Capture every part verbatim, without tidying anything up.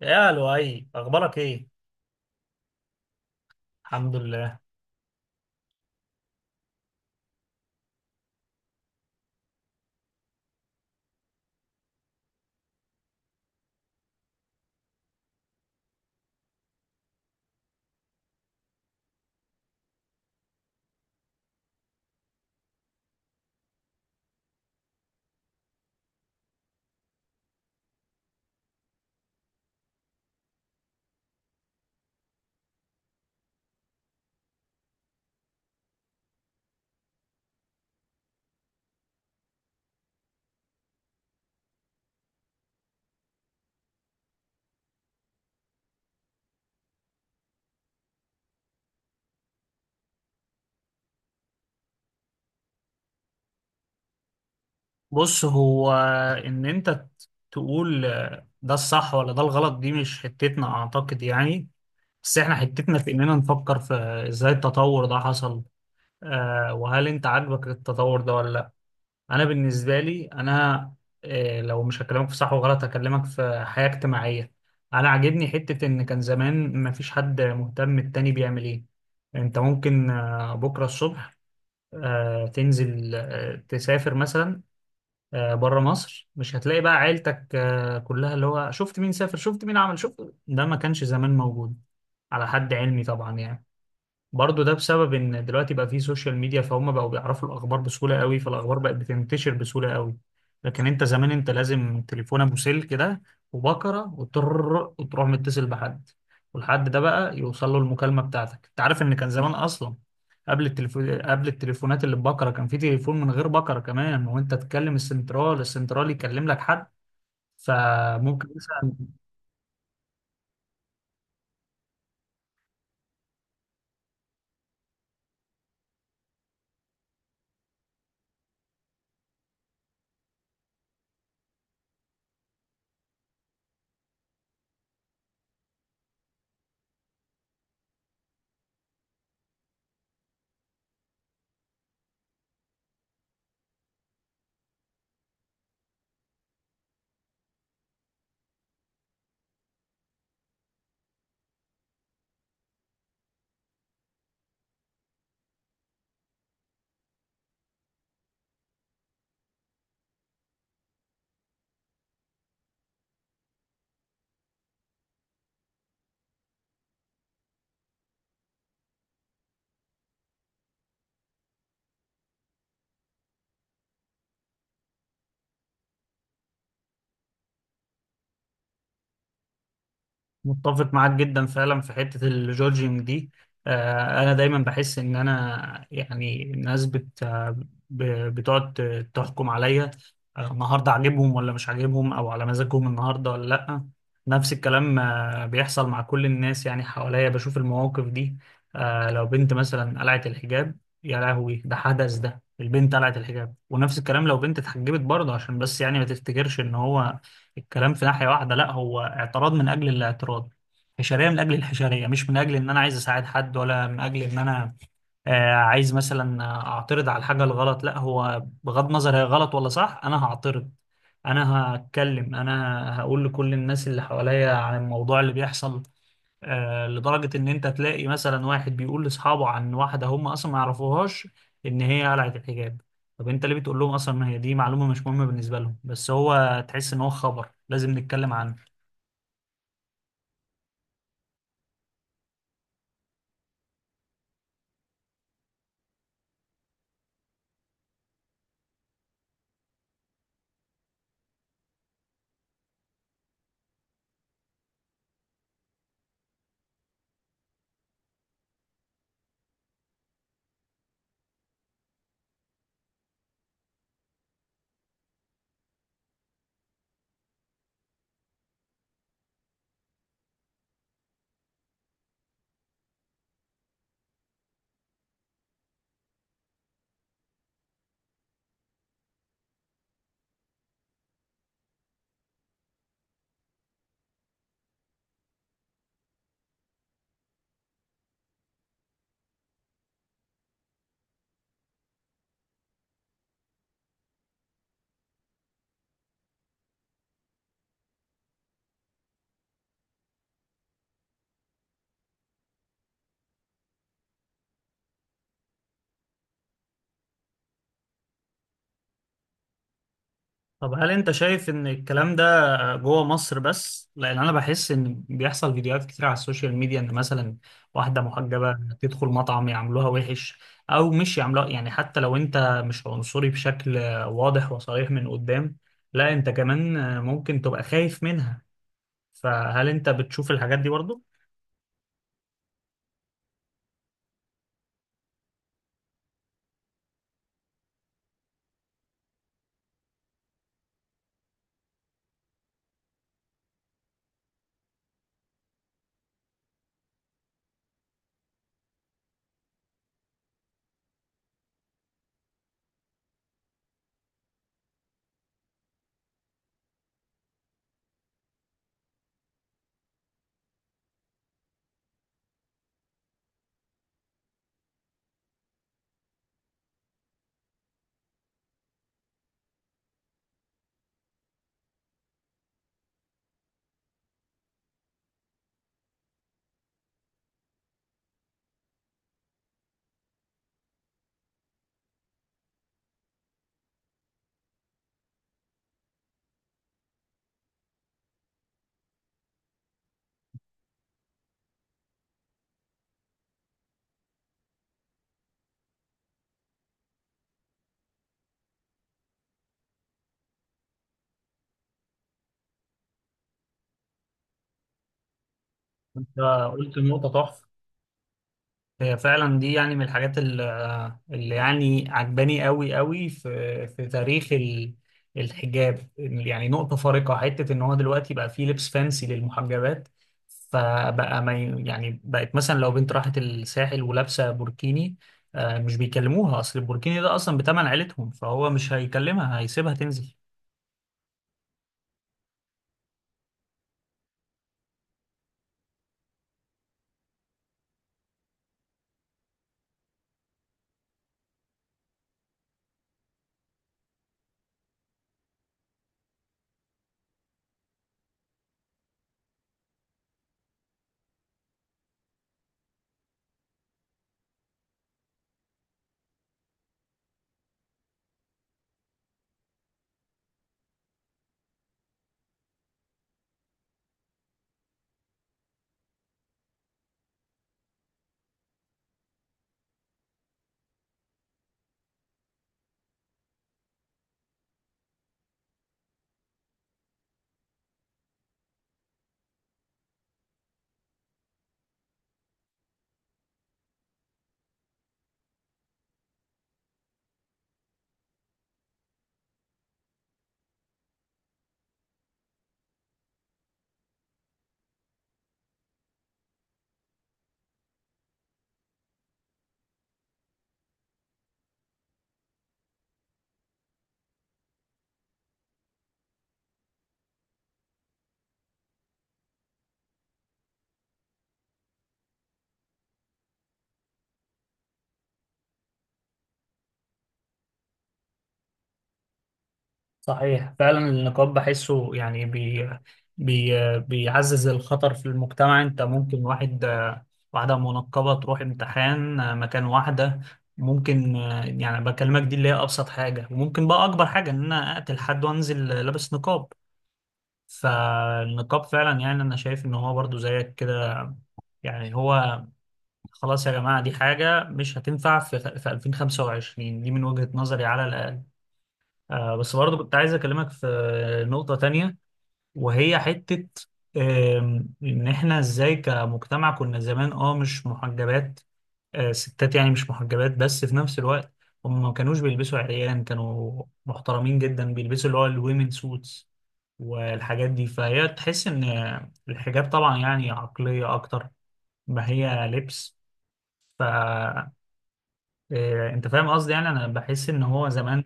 يا لؤي اخبارك ايه؟ الحمد لله. بص، هو ان انت ت- تقول ده الصح ولا ده الغلط دي مش حتتنا اعتقد يعني. بس احنا حتتنا في اننا نفكر في ازاي التطور ده حصل. آه، وهل انت عاجبك التطور ده ولا لا؟ انا بالنسبه لي انا آه لو مش هكلمك في صح وغلط هكلمك في حياه اجتماعيه. انا عاجبني حته ان كان زمان مفيش حد مهتم التاني بيعمل ايه. انت ممكن آه، بكره الصبح آه، تنزل، آه، تسافر مثلا بره مصر، مش هتلاقي بقى عيلتك آه، كلها اللي هو شفت مين سافر شفت مين عمل شفت. ده ما كانش زمان موجود، على حد علمي طبعا يعني. برضه ده بسبب ان دلوقتي بقى فيه سوشيال ميديا، فهم بقوا بيعرفوا الاخبار بسهوله قوي، فالاخبار بقت بتنتشر بسهوله قوي. لكن انت زمان انت لازم تليفون ابو سلك كده وبكره وتر، وتروح متصل بحد، والحد ده بقى يوصل له المكالمه بتاعتك. انت عارف ان كان زمان اصلا قبل التليفون، قبل التليفونات اللي ببكره، كان في تليفون من غير بكره كمان، وانت تكلم السنترال، السنترال يكلم لك حد. فممكن مثلا متفق معاك جدا فعلا في حتة الجورجينج دي. آه، أنا دايما بحس إن أنا يعني الناس بت آه، ب- بتقعد ت- تحكم عليا، آه، النهاردة عاجبهم ولا مش عاجبهم، أو على مزاجهم النهاردة ولا لأ. نفس الكلام آه، بيحصل مع كل الناس يعني. حواليا بشوف المواقف دي، آه، لو بنت مثلا قلعت الحجاب، يا لهوي ده حدث، ده البنت قلعت الحجاب. ونفس الكلام لو بنت اتحجبت برضه. عشان بس يعني ما تفتكرش إن هو الكلام في ناحية واحدة، لا، هو اعتراض من أجل الاعتراض، حشرية من أجل الحشرية، مش من أجل إن أنا عايز أساعد حد، ولا من أجل إن أنا آه، عايز مثلا أعترض على الحاجة الغلط. لا، هو بغض النظر هي غلط ولا صح، أنا هعترض، أنا هتكلم، أنا هقول لكل الناس اللي حواليا عن الموضوع اللي بيحصل. آه، لدرجة إن أنت تلاقي مثلا واحد بيقول لأصحابه عن واحدة هم أصلا ما يعرفوهاش إن هي قلعت الحجاب. طب أنت ليه بتقول لهم أصلا؟ إن هي دي معلومة مش مهمة بالنسبة لهم، بس هو تحس إن هو خبر لازم نتكلم عنه. طب هل انت شايف ان الكلام ده جوه مصر بس؟ لان انا بحس ان بيحصل فيديوهات كتير على السوشيال ميديا، ان مثلا واحده محجبه تدخل مطعم يعملوها وحش، او مش يعملوها يعني. حتى لو انت مش عنصري بشكل واضح وصريح من قدام، لا انت كمان ممكن تبقى خايف منها. فهل انت بتشوف الحاجات دي برضو؟ انت قلت نقطه هي فعلا دي يعني من الحاجات ال- اللي يعني عجباني قوي قوي في في تاريخ ال- الحجاب، يعني نقطة فارقة. حتة ان هو دلوقتي بقى فيه لبس فانسي للمحجبات، فبقى ما ي- يعني بقت مثلا لو بنت راحت الساحل ولابسة بوركيني، آه، مش بيكلموها، اصل البوركيني ده اصلا بتمن عيلتهم، فهو مش هيكلمها، هيسيبها تنزل. صحيح، فعلا النقاب بحسه يعني بي بي بيعزز الخطر في المجتمع. انت ممكن واحد واحدة منقبة تروح امتحان مكان واحدة ممكن، يعني بكلمك دي اللي هي أبسط حاجة، وممكن بقى أكبر حاجة إن أنا أقتل حد وأنزل لابس نقاب. فالنقاب فعلا يعني أنا شايف إن هو برضو زيك كده، يعني هو خلاص يا جماعة دي حاجة مش هتنفع في في ألفين وخمسة وعشرين، دي من وجهة نظري على الأقل. آه، بس برضو كنت عايز أكلمك في نقطة تانية، وهي حتة آم، إن إحنا إزاي كمجتمع كنا زمان. أه، مش محجبات، آه، ستات يعني مش محجبات، بس في نفس الوقت هم ما كانوش بيلبسوا عريان، كانوا محترمين جدا، بيلبسوا اللي هو الويمن سوتس والحاجات دي. فهي تحس إن الحجاب طبعا يعني عقلية أكتر ما هي لبس. ف آه، أنت فاهم قصدي، يعني أنا بحس إن هو زمان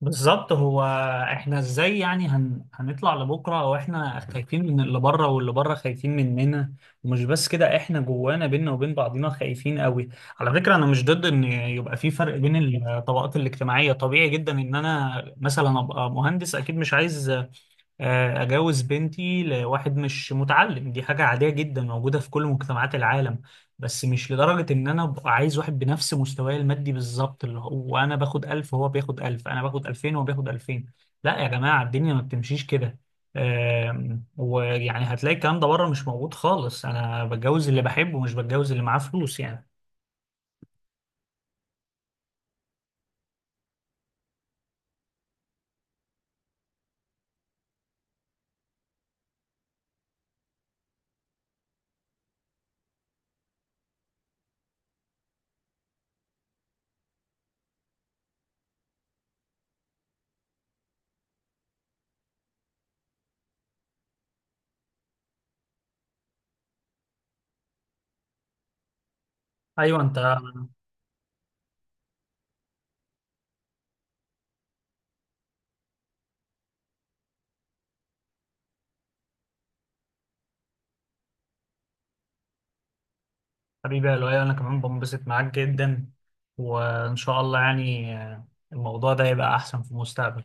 بالظبط. هو احنا ازاي يعني هن... هنطلع لبكره واحنا خايفين من اللي بره واللي بره خايفين مننا؟ ومش بس كده، احنا جوانا بينا وبين بعضينا خايفين قوي. على فكره انا مش ضد ان يبقى في فرق بين الطبقات الاجتماعيه، طبيعي جدا ان انا مثلا ابقى مهندس اكيد مش عايز آه، أجوز بنتي لواحد مش متعلم، دي حاجة عادية جدا موجودة في كل مجتمعات العالم. بس مش لدرجة إن أنا أبقى عايز واحد بنفس مستواي المادي بالظبط، اللي هو أنا باخد ألف وهو بياخد ألف، أنا باخد ألفين وهو بياخد ألفين. لا يا جماعة الدنيا ما بتمشيش كده. آم، ويعني هتلاقي الكلام ده بره مش موجود خالص، أنا بتجوز اللي بحبه مش بتجوز اللي معاه فلوس يعني. أيوه أنت، حبيبي يا لؤي أنا كمان بنبسط معاك جدا، وإن شاء الله يعني آه، الموضوع ده يبقى أحسن في المستقبل.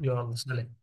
يلا سلام.